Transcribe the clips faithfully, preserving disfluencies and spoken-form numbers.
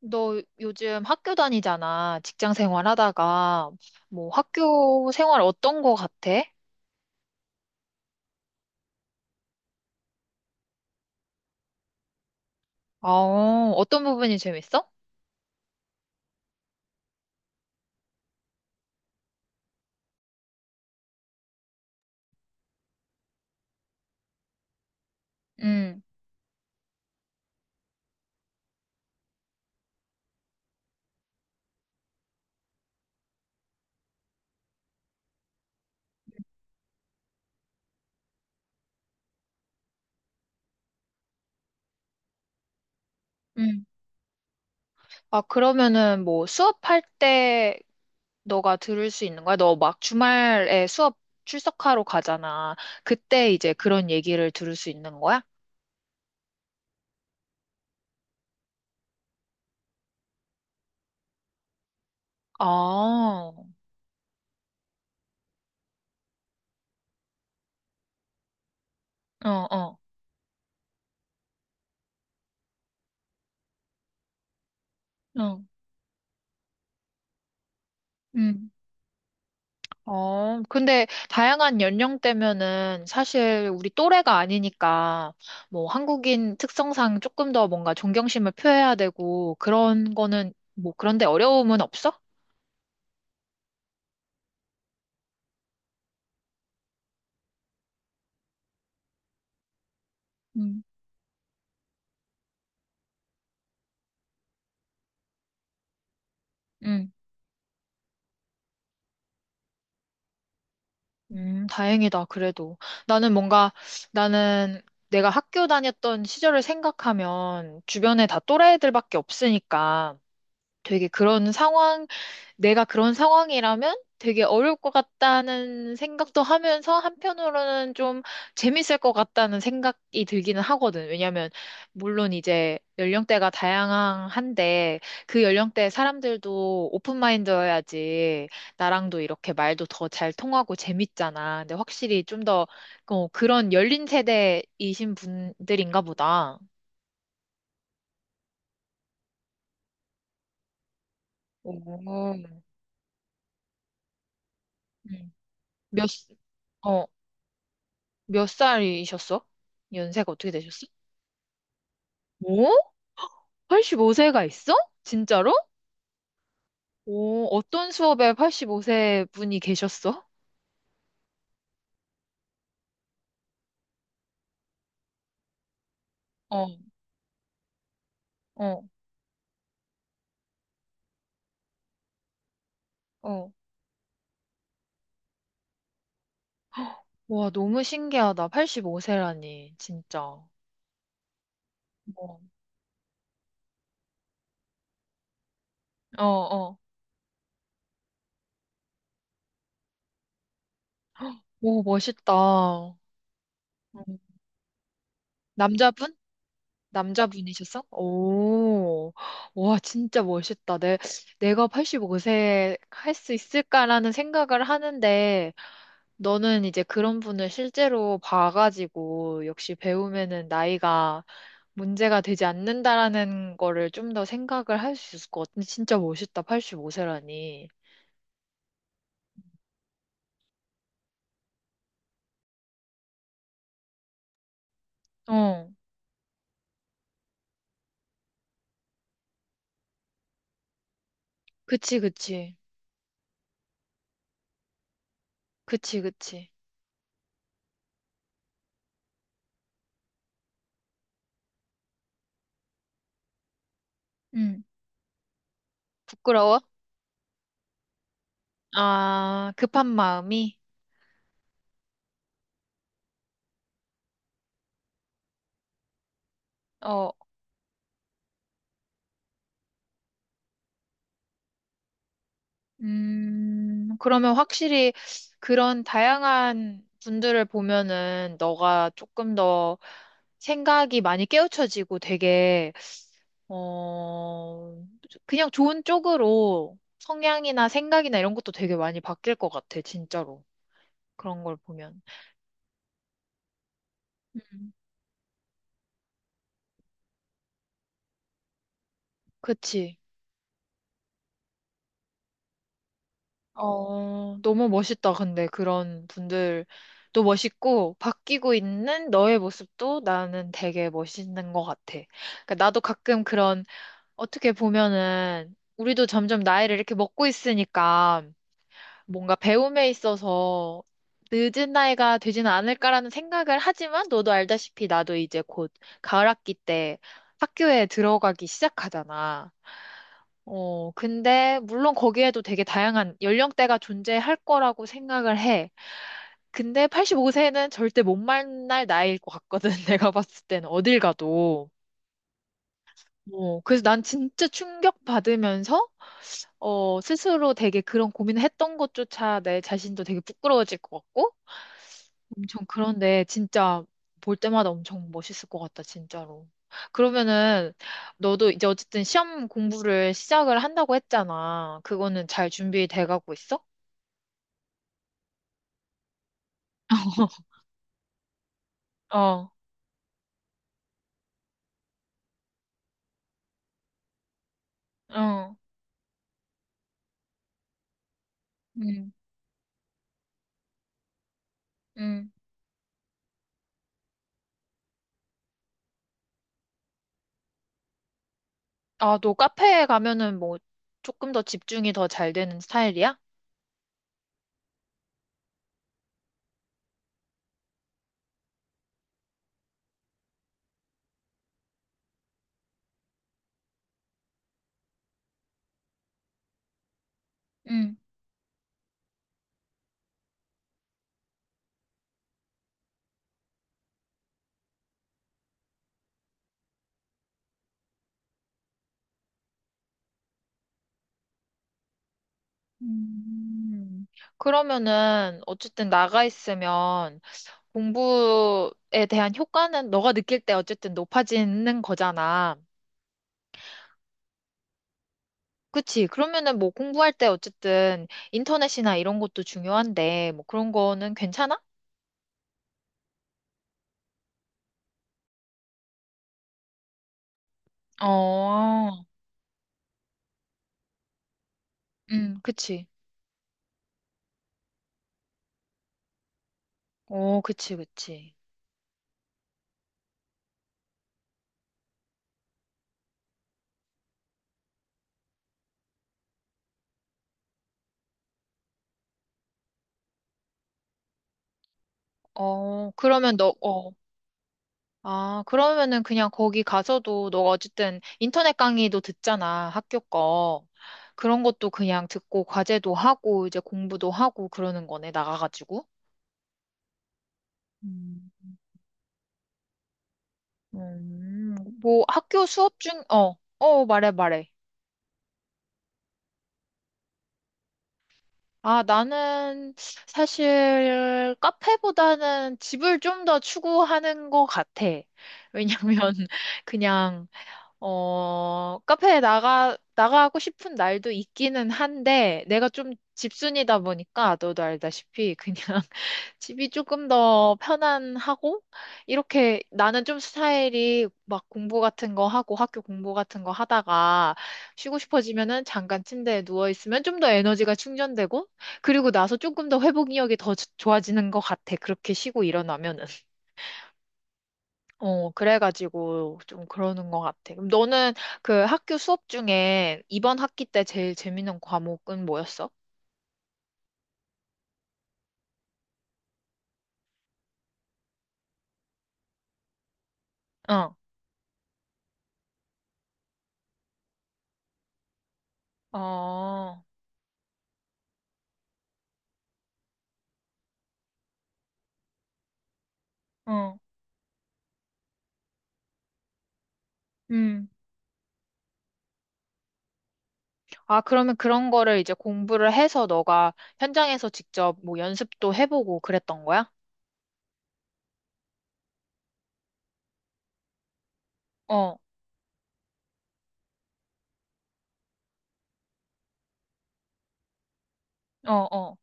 너 요즘 학교 다니잖아. 직장 생활 하다가, 뭐 학교 생활 어떤 거 같아? 아, 어, 어떤 부분이 재밌어? 응, 응. 아, 그러면은 뭐 수업할 때 너가 들을 수 있는 거야? 너 막 주말에 수업 출석하러 가잖아. 그때 이제 그런 얘기를 들을 수 있는 거야? 아, 어, 어, 어, 응. 어, 근데 다양한 연령대면은 사실 우리 또래가 아니니까 뭐 한국인 특성상 조금 더 뭔가 존경심을 표해야 되고 그런 거는 뭐 그런데 어려움은 없어? 음, 음, 음, 다행이다, 그래도. 나는 뭔가, 나는 내가 학교 다녔던 시절을 생각하면 주변에 다 또래들밖에 없으니까 되게 그런 상황 내가 그런 상황이라면 되게 어려울 것 같다는 생각도 하면서 한편으로는 좀 재밌을 것 같다는 생각이 들기는 하거든. 왜냐면 물론 이제 연령대가 다양한데 그 연령대 사람들도 오픈마인드여야지 나랑도 이렇게 말도 더 잘 통하고 재밌잖아. 근데 확실히 좀더 어, 그런 열린 세대이신 분들인가 보다. 오. 음. 몇, 시- 어, 몇 살이셨어? 연세가 어떻게 되셨어? 오? 팔십오 세가 있어? 진짜로? 오, 어떤 수업에 팔십오 세 분이 계셨어? 어. 어, 어. 와, 너무 신기하다. 팔십오 세라니, 진짜. 어, 어, 어. 오, 멋있다. 음. 남자분? 남자분이셨어? 오, 와, 진짜 멋있다. 내, 내가 팔십오 세 할 수 있을까라는 생각을 하는데, 너는 이제 그런 분을 실제로 봐가지고 역시 배우면은 나이가 문제가 되지 않는다라는 거를 좀 더 생각을 할 수 있을 것 같은데 진짜 멋있다. 팔십오 세라니. 어. 그치, 그치. 그치, 그치. 응. 부끄러워? 아, 급한 마음이? 어. 음, 그러면 확실히 그런 다양한 분들을 보면은 너가 조금 더 생각이 많이 깨우쳐지고 되게, 어, 그냥 좋은 쪽으로 성향이나 생각이나 이런 것도 되게 많이 바뀔 것 같아, 진짜로. 그런 걸 보면. 음, 그치. 어, 너무 멋있다. 근데 그런 분들도 멋있고, 바뀌고 있는 너의 모습도 나는 되게 멋있는 것 같아. 그러니까 나도 가끔 그런, 어떻게 보면은, 우리도 점점 나이를 이렇게 먹고 있으니까, 뭔가 배움에 있어서 늦은 나이가 되지는 않을까라는 생각을 하지만, 너도 알다시피 나도 이제 곧 가을 학기 때 학교에 들어가기 시작하잖아. 어, 근데 물론 거기에도 되게 다양한 연령대가 존재할 거라고 생각을 해. 근데 팔십오 세는 절대 못 만날 나이일 것 같거든. 내가 봤을 때는 어딜 가도. 어, 그래서 난 진짜 충격받으면서 어, 스스로 되게 그런 고민을 했던 것조차 내 자신도 되게 부끄러워질 것 같고 엄청 그런데 진짜 볼 때마다 엄청 멋있을 것 같다, 진짜로. 그러면은 너도 이제 어쨌든 시험 공부를 시작을 한다고 했잖아. 그거는 잘 준비돼 가고 있어? 어, 어, 음, 음. 아, 너 카페에 가면은 뭐 조금 더 집중이 더 잘 되는 스타일이야? 음. 음. 그러면은 어쨌든 나가 있으면 공부에 대한 효과는 너가 느낄 때 어쨌든 높아지는 거잖아. 그치. 그러면은 뭐 공부할 때 어쨌든 인터넷이나 이런 것도 중요한데, 뭐 그런 거는 괜찮아? 어, 음, 그치. 어, 그치, 그치. 어, 그러면 너, 어, 아, 그러면은 그냥 거기 가서도 너가 어쨌든 인터넷 강의도 듣잖아, 학교 거. 그런 것도 그냥 듣고 과제도 하고 이제 공부도 하고 그러는 거네, 나가가지고. 음, 음, 뭐 학교 수업 중, 어, 어, 말해, 말해. 아, 나는 사실 카페보다는 집을 좀 더 추구하는 것 같아. 왜냐면 그냥 어, 카페에 나가, 나가고 싶은 날도 있기는 한데, 내가 좀 집순이다 보니까, 너도 알다시피, 그냥 집이 조금 더 편안하고, 이렇게 나는 좀 스타일이 막 공부 같은 거 하고, 학교 공부 같은 거 하다가, 쉬고 싶어지면은 잠깐 침대에 누워있으면 좀 더 에너지가 충전되고, 그리고 나서 조금 더 회복력이 더 좋아지는 것 같아. 그렇게 쉬고 일어나면은. 어, 그래가지고 좀 그러는 것 같아. 그럼 너는 그 학교 수업 중에 이번 학기 때 제일 재밌는 과목은 뭐였어? 응. 어, 응. 음. 아, 그러면 그런 거를 이제 공부를 해서 너가 현장에서 직접 뭐 연습도 해보고 그랬던 거야? 어, 어, 어.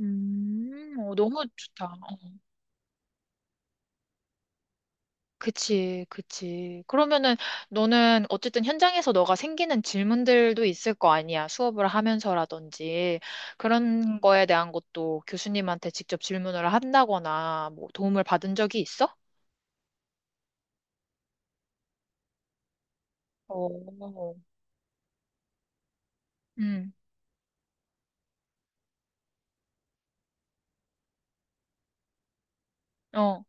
음, 어, 너무 좋다. 그치, 그치. 그러면은 너는 어쨌든 현장에서 너가 생기는 질문들도 있을 거 아니야. 수업을 하면서라든지 그런 거에 대한 것도 교수님한테 직접 질문을 한다거나 뭐 도움을 받은 적이 있어? 어, 음, 어,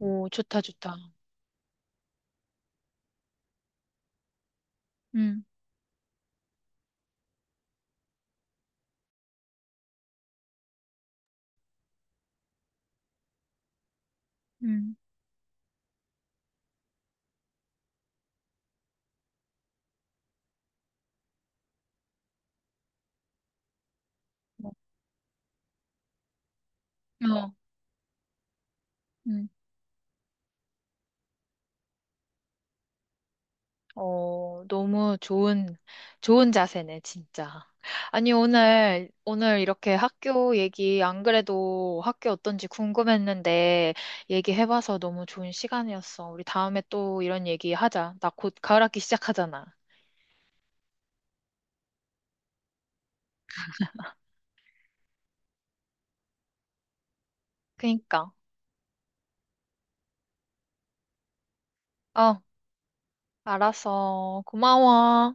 오, 좋다, 좋다. 음, 음, 어, 응. 어, 너무 좋은, 좋은 자세네, 진짜. 아니, 오늘, 오늘 이렇게 학교 얘기, 안 그래도 학교 어떤지 궁금했는데, 얘기해봐서 너무 좋은 시간이었어. 우리 다음에 또 이런 얘기 하자. 나 곧 가을 학기 시작하잖아. 그니까. 어, 알았어. 고마워.